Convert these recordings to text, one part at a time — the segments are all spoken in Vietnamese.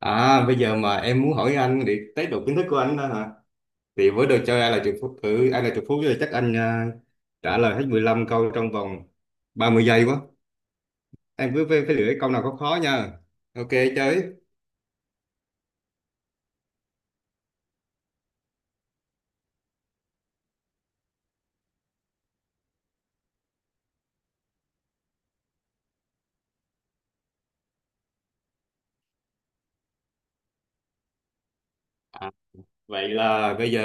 À, bây giờ mà em muốn hỏi anh để test độ kiến thức của anh đó hả? Thì với đồ chơi ai là triệu phú, ai là triệu phú thì chắc anh trả lời hết 15 câu trong vòng 30 giây quá. Em cứ phải lựa cái câu nào có khó nha. Ok, chơi. À, vậy là bây giờ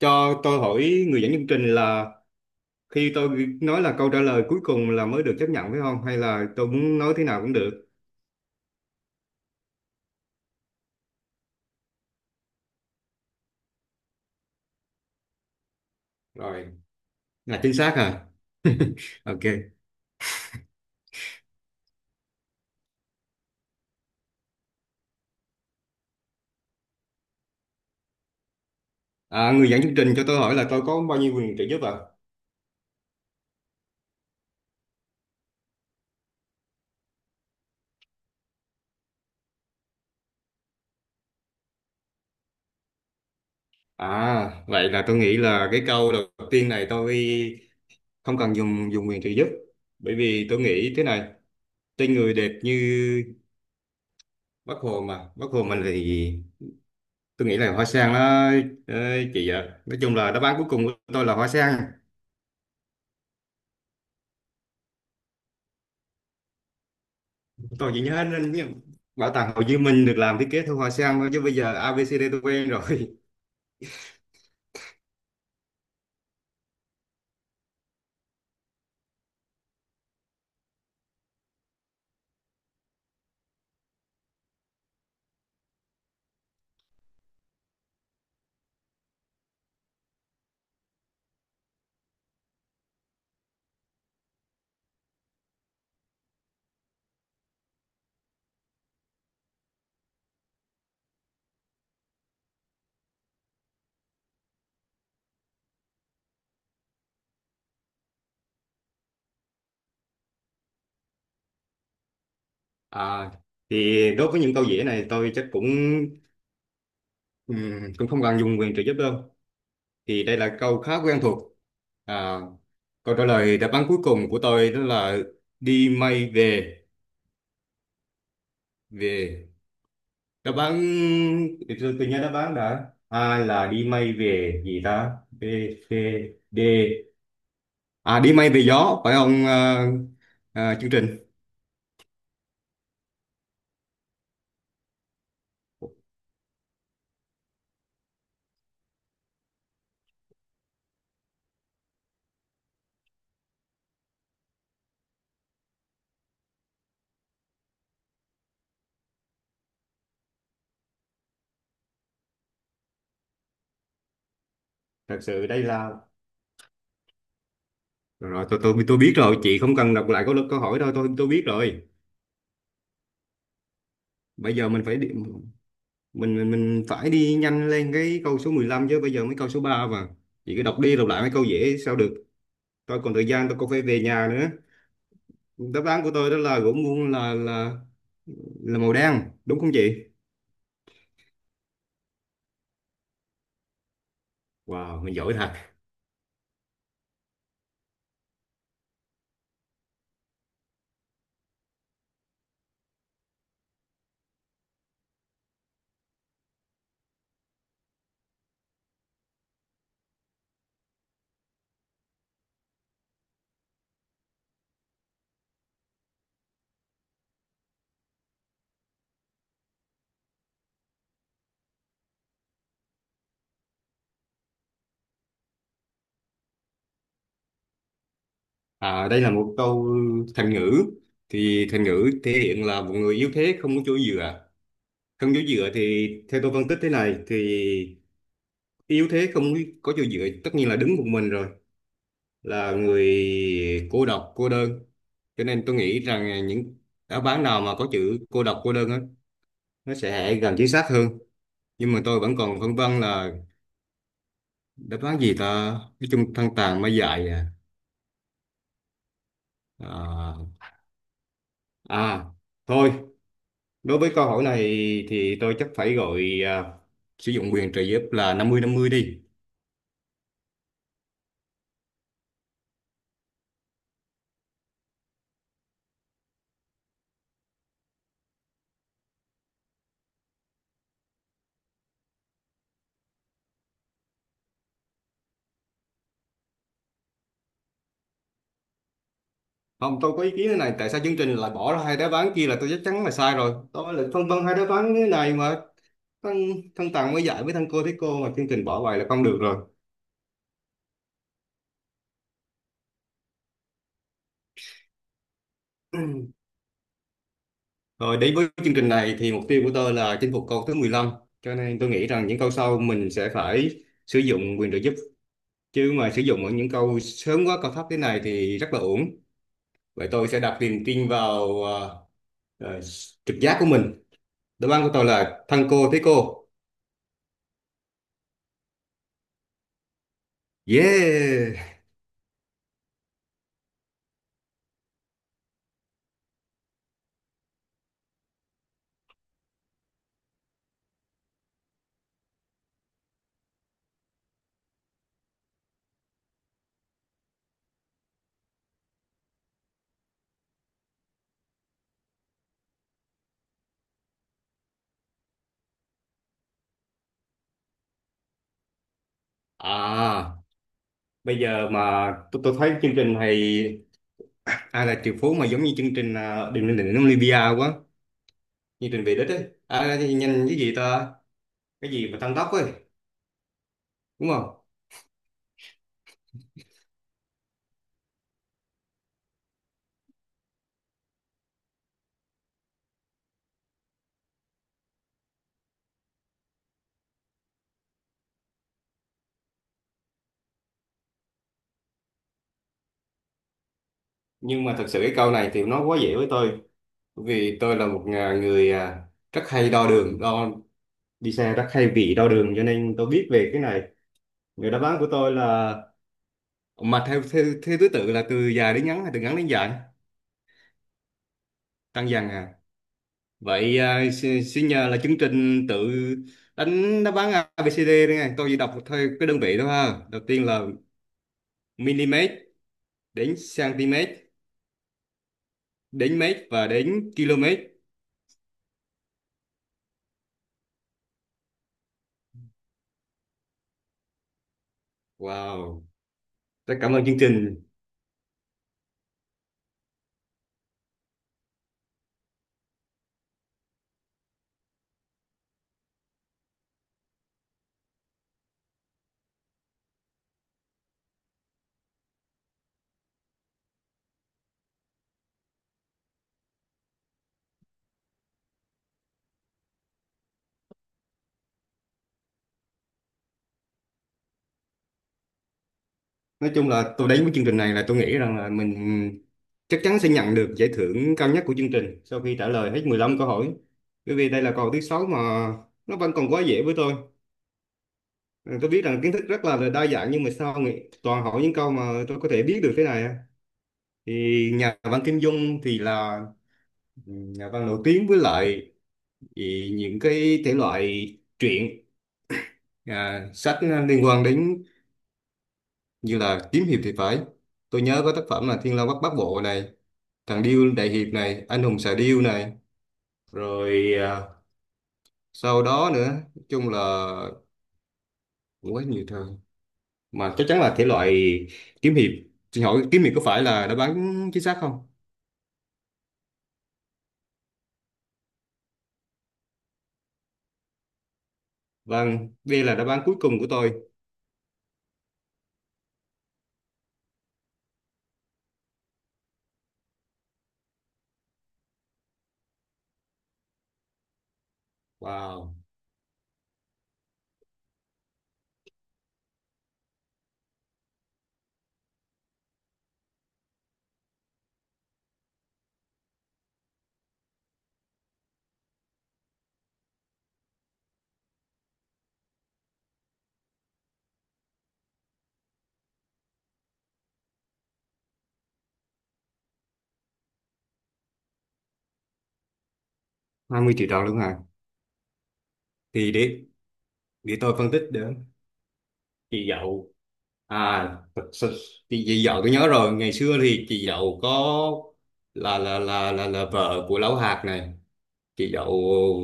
cho tôi hỏi người dẫn chương trình là khi tôi nói là câu trả lời cuối cùng là mới được chấp nhận phải không? Hay là tôi muốn nói thế nào cũng được? Rồi, là chính xác hả? Ok. À, người dẫn chương trình cho tôi hỏi là tôi có bao nhiêu quyền trợ giúp ạ? À, vậy là tôi nghĩ là cái câu đầu tiên này tôi không cần dùng dùng quyền trợ giúp. Bởi vì tôi nghĩ thế này, tên người đẹp như Bác Hồ mà, Bác Hồ mình thì tôi nghĩ là hoa sen đó, ờ, chị ạ. Nói chung là đáp án cuối cùng của tôi là hoa sen. Tôi chỉ nhớ đến những- Bảo tàng Hồ Chí Minh được làm thiết kế theo hoa sen thôi, chứ bây giờ a ABCD tôi quen rồi. À, thì đối với những câu dễ này tôi chắc cũng cũng không cần dùng quyền trợ giúp đâu. Thì đây là câu khá quen thuộc. À, câu trả lời đáp án cuối cùng của tôi đó là đi mây về về đáp án, thì tôi nhớ đáp án đã, A là đi mây về gì ta, B, C, D, à đi mây về gió phải không, chương trình. Thật sự đây là, rồi, rồi tôi biết rồi, chị không cần đọc lại câu câu hỏi đâu, tôi biết rồi. Bây giờ mình phải đi nhanh lên cái câu số 15 chứ, bây giờ mới câu số 3 mà chị cứ đọc đi đọc lại mấy câu dễ sao được. Tôi còn thời gian, tôi còn phải về nhà nữa. Đáp án của tôi đó là gỗ muôn là là màu đen đúng không chị? Wow, mình giỏi thật. À, đây là một câu thành ngữ, thì thành ngữ thể hiện là một người yếu thế không có chỗ dựa. Không chỗ dựa thì theo tôi phân tích thế này thì yếu thế không có chỗ dựa tất nhiên là đứng một mình rồi, là người cô độc cô đơn. Cho nên tôi nghĩ rằng những đáp án nào mà có chữ cô độc cô đơn á, nó sẽ gần chính xác hơn. Nhưng mà tôi vẫn còn phân vân là đáp án gì ta, cái chung thân tàn mới dạy. À à, à thôi, đối với câu hỏi này thì tôi chắc phải gọi, sử dụng quyền trợ giúp là năm mươi đi. Không, tôi có ý kiến thế này, tại sao chương trình lại bỏ ra hai đáp án kia là tôi chắc chắn là sai rồi, tôi lại phân vân hai đáp án thế này mà. Thân thân tàn mới dạy với thân cô thấy cô mà chương trình bỏ bài là không được rồi. Rồi, đến với chương trình này thì mục tiêu của tôi là chinh phục câu thứ 15, cho nên tôi nghĩ rằng những câu sau mình sẽ phải sử dụng quyền trợ giúp. Chứ mà sử dụng ở những câu sớm quá cao thấp thế này thì rất là uổng. Vậy tôi sẽ đặt niềm tin vào ờ, trực giác của mình. Đáp án của tôi là thân cô thế cô. Yeah. À, bây giờ mà tôi thấy chương trình này ai là triệu phú mà giống như chương trình đừng lên đỉnh Olympia quá, chương trình về đích ấy, thì nhanh cái gì ta, cái gì mà tăng tốc ấy đúng không? Nhưng mà thật sự cái câu này thì nó quá dễ với tôi, bởi vì tôi là một người rất hay đo đường, đo đi xe rất hay bị đau đường, cho nên tôi biết về cái này. Người đáp án của tôi là, mà theo theo, theo thứ tự là từ dài đến ngắn hay từ ngắn đến dài? Tăng dần à? Vậy, xin, xin nhờ là chương trình tự đánh đáp án ABCD đây này, tôi chỉ đọc theo cái đơn vị thôi ha, đầu tiên là mm, đến cm, đến mét và đến km. Wow, rất cảm ơn chương trình. Nói chung là tôi đến với chương trình này là tôi nghĩ rằng là mình chắc chắn sẽ nhận được giải thưởng cao nhất của chương trình sau khi trả lời hết 15 câu hỏi, bởi vì đây là câu thứ sáu mà nó vẫn còn quá dễ với tôi. Ừ, tôi biết rằng kiến thức rất là đa dạng, nhưng mà sao nghĩ toàn hỏi những câu mà tôi có thể biết được thế này à? Thì nhà văn Kim Dung thì là, ừ, nhà văn nổi tiếng với lại thì những cái thể loại truyện, sách liên quan đến như là kiếm hiệp thì phải. Tôi nhớ có tác phẩm là Thiên Long Bát Bát Bộ này, thằng Điêu Đại Hiệp này, anh hùng xà điêu này, rồi sau đó nữa, nói chung là cũng quá nhiều thời, mà chắc chắn là thể loại kiếm hiệp. Xin hỏi kiếm hiệp có phải là đáp án chính xác không? Vâng, đây là đáp án cuối cùng của tôi. Wow, 20 triệu đồng luôn hả? Thì để tôi phân tích được. Chị Dậu, à thật sự- chị Dậu tôi nhớ rồi, ngày xưa thì chị Dậu có là vợ của Lão Hạt này. Chị Dậu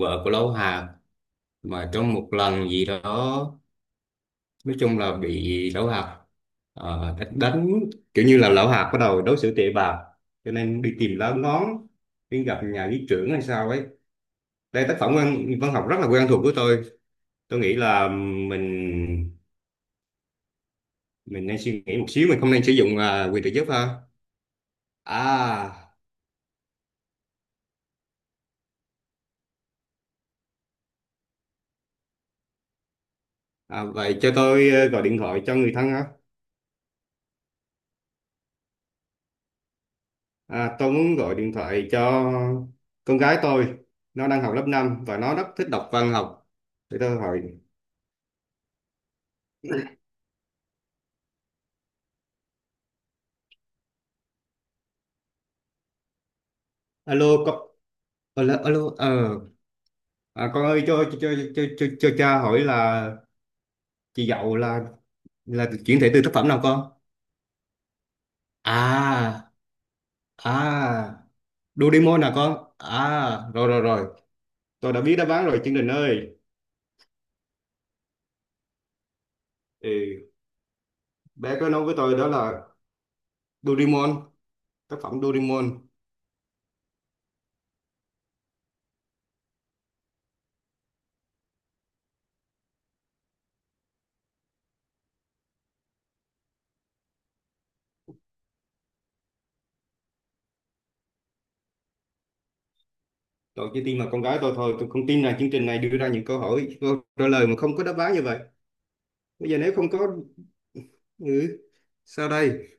vợ của Lão Hạt, mà trong một lần gì đó nói chung là bị lão hạt, đánh, kiểu như là lão hạt bắt đầu đối xử tệ bạc, cho nên đi tìm lá ngón, đi gặp nhà lý trưởng hay sao ấy. Đây tác phẩm văn học rất là quen thuộc của tôi. Tôi nghĩ là mình mình nên suy nghĩ một xíu, mình không nên sử dụng quyền trợ giúp ha. À, à vậy cho tôi gọi điện thoại cho người thân ha. Tôi muốn gọi điện thoại cho con gái tôi, nó đang học lớp 5 và nó rất thích đọc văn học, để tôi hỏi. Alo, con, alo, alo, con ơi, cho cha hỏi là chị Dậu là chuyển thể từ tác phẩm nào con? À, à, Doraemon nè con. À, rồi rồi rồi, tôi đã biết đáp án rồi Chương Trình ơi. Ừ, bé có nói với tôi đó là Doraemon, tác phẩm Doraemon. Tôi chỉ tin là con gái tôi thôi, tôi không tin là chương trình này đưa ra những câu hỏi, câu trả lời mà không có đáp án như vậy. Bây giờ nếu không có, ừ, sao đây?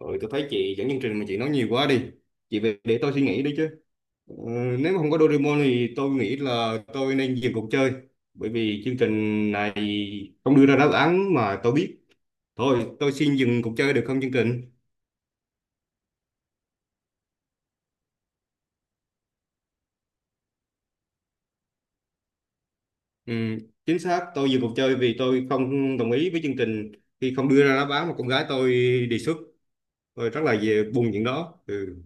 Ừ, tôi thấy chị dẫn chương trình mà chị nói nhiều quá đi. Chị về để tôi suy nghĩ đi chứ. Ờ, Nếu mà không có Doraemon thì tôi nghĩ là tôi nên dừng cuộc chơi. Bởi vì chương trình này không đưa ra đáp án mà tôi biết. Thôi, tôi xin dừng cuộc chơi được không chương trình? Ừ, chính xác, tôi dừng cuộc chơi vì tôi không đồng ý với chương trình khi không đưa ra đáp án mà con gái tôi đề xuất. Tôi rất là về buồn chuyện đó. Ừ,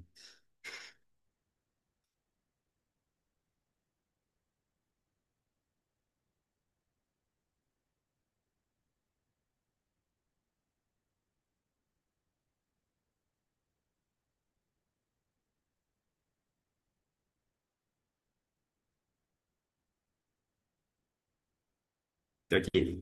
chào chị.